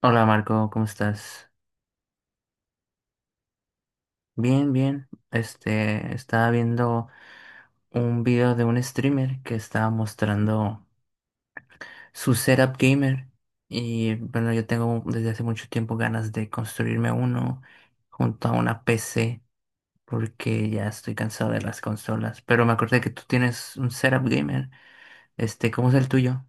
Hola Marco, ¿cómo estás? Bien, bien. Estaba viendo un video de un streamer que estaba mostrando su setup gamer y bueno, yo tengo desde hace mucho tiempo ganas de construirme uno junto a una PC porque ya estoy cansado de las consolas, pero me acordé que tú tienes un setup gamer. Este, ¿cómo es el tuyo?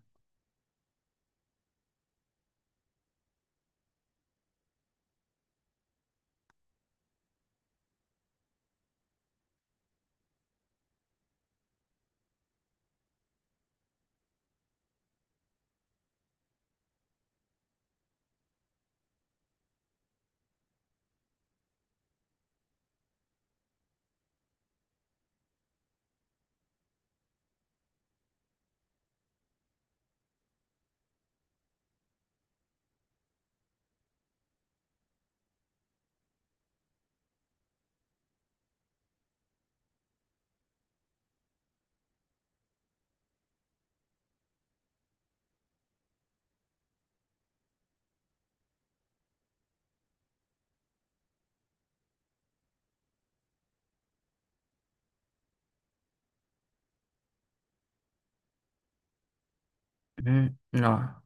Mm, no.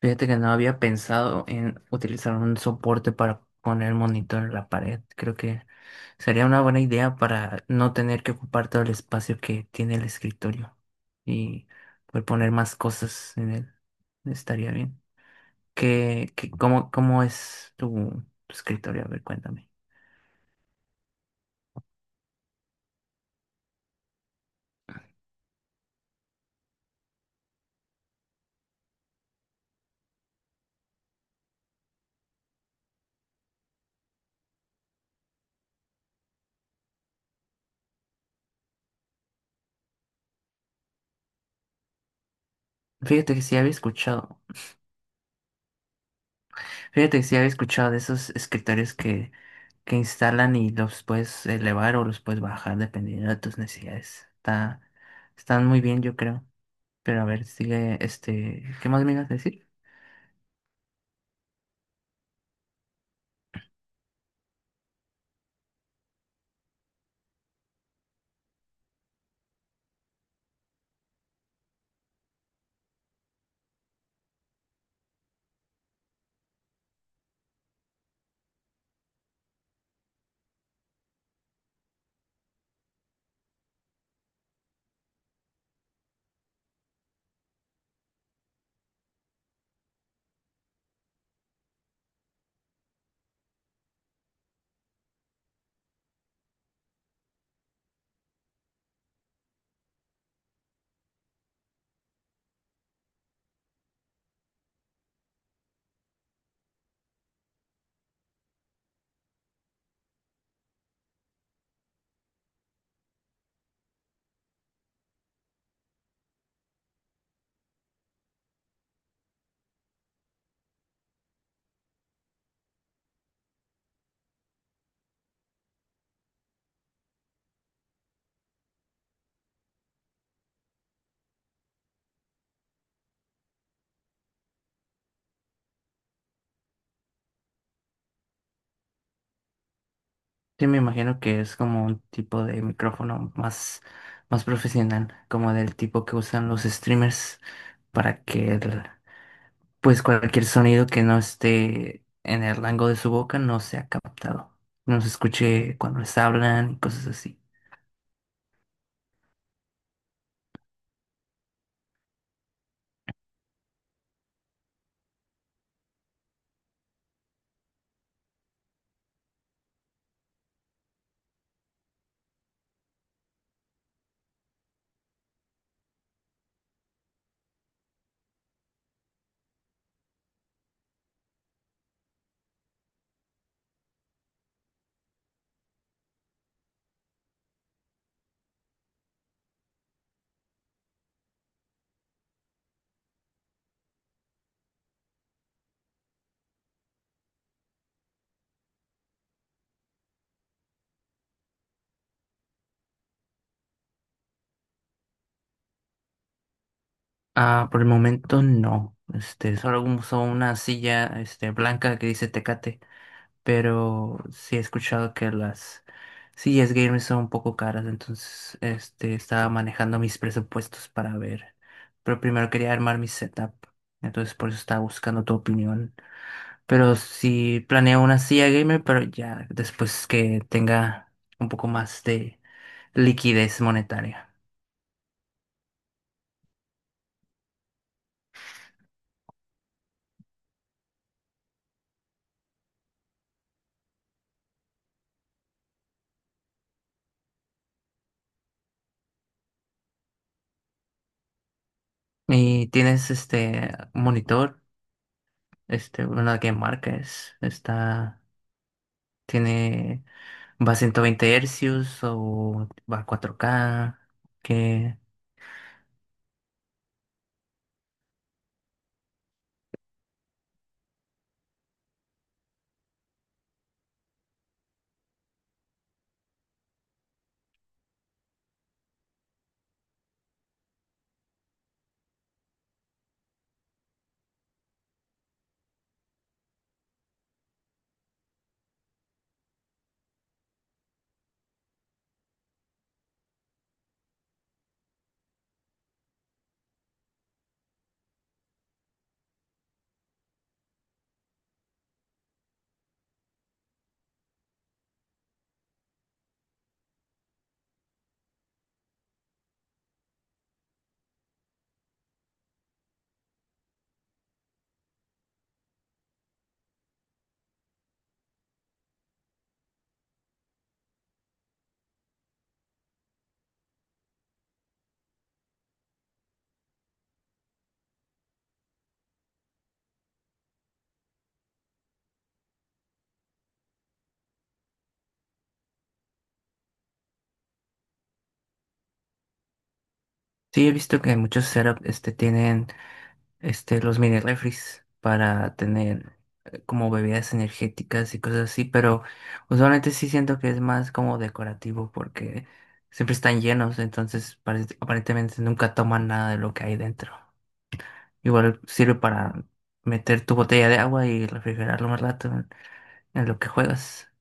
Fíjate que no había pensado en utilizar un soporte para poner el monitor en la pared. Creo que sería una buena idea para no tener que ocupar todo el espacio que tiene el escritorio y poder poner más cosas en él. Estaría bien. ¿Cómo cómo es tu, tu escritorio? A ver, cuéntame. Fíjate que sí había escuchado. Fíjate que sí había escuchado de esos escritorios que instalan y los puedes elevar o los puedes bajar dependiendo de tus necesidades. Están muy bien, yo creo. Pero a ver, sigue, este, ¿qué más me ibas a decir? Sí, me imagino que es como un tipo de micrófono más, más profesional, como del tipo que usan los streamers para que el- pues cualquier sonido que no esté en el rango de su boca no sea captado, no se escuche cuando les hablan y cosas así. Ah, por el momento no. Este, solo uso una silla, este, blanca que dice Tecate, pero sí he escuchado que las sillas gamers son un poco caras, entonces, este, estaba manejando mis presupuestos para ver. Pero primero quería armar mi setup, entonces por eso estaba buscando tu opinión. Pero sí planeo una silla gamer, pero ya después que tenga un poco más de liquidez monetaria. ¿Y tienes este monitor? Este, bueno, la que marca tiene, va a 120 hercios o va a 4K, que sí he visto que muchos setups tienen los mini refris para tener como bebidas energéticas y cosas así, pero usualmente sí siento que es más como decorativo porque siempre están llenos, entonces parece- aparentemente nunca toman nada de lo que hay dentro. Igual sirve para meter tu botella de agua y refrigerarlo más rato en lo que juegas.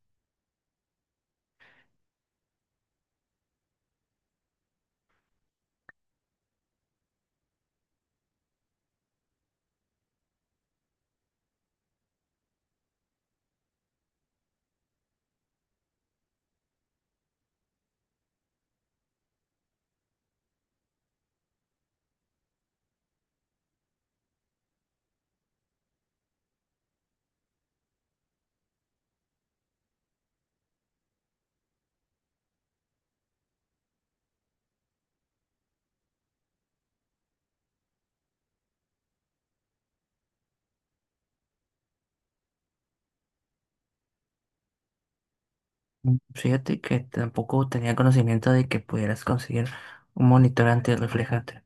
Mm, fíjate que tampoco tenía conocimiento de que pudieras conseguir un monitor antirreflejante.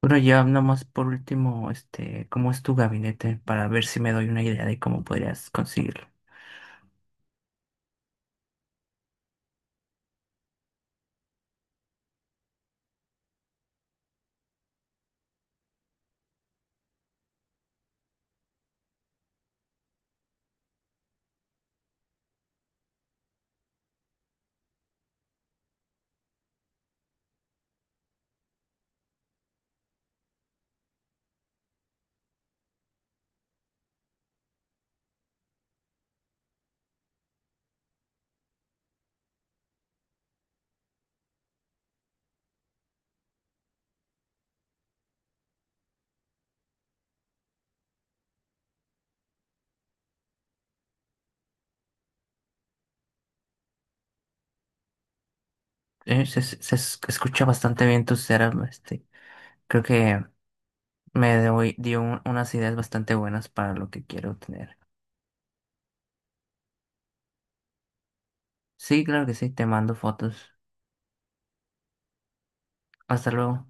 Bueno, ya nomás por último, este, ¿cómo es tu gabinete? Para ver si me doy una idea de cómo podrías conseguirlo. Se escucha bastante bien tu setup, este. Creo que Me doy- dio un- unas ideas bastante buenas para lo que quiero tener. Sí, claro que sí, te mando fotos. Hasta luego.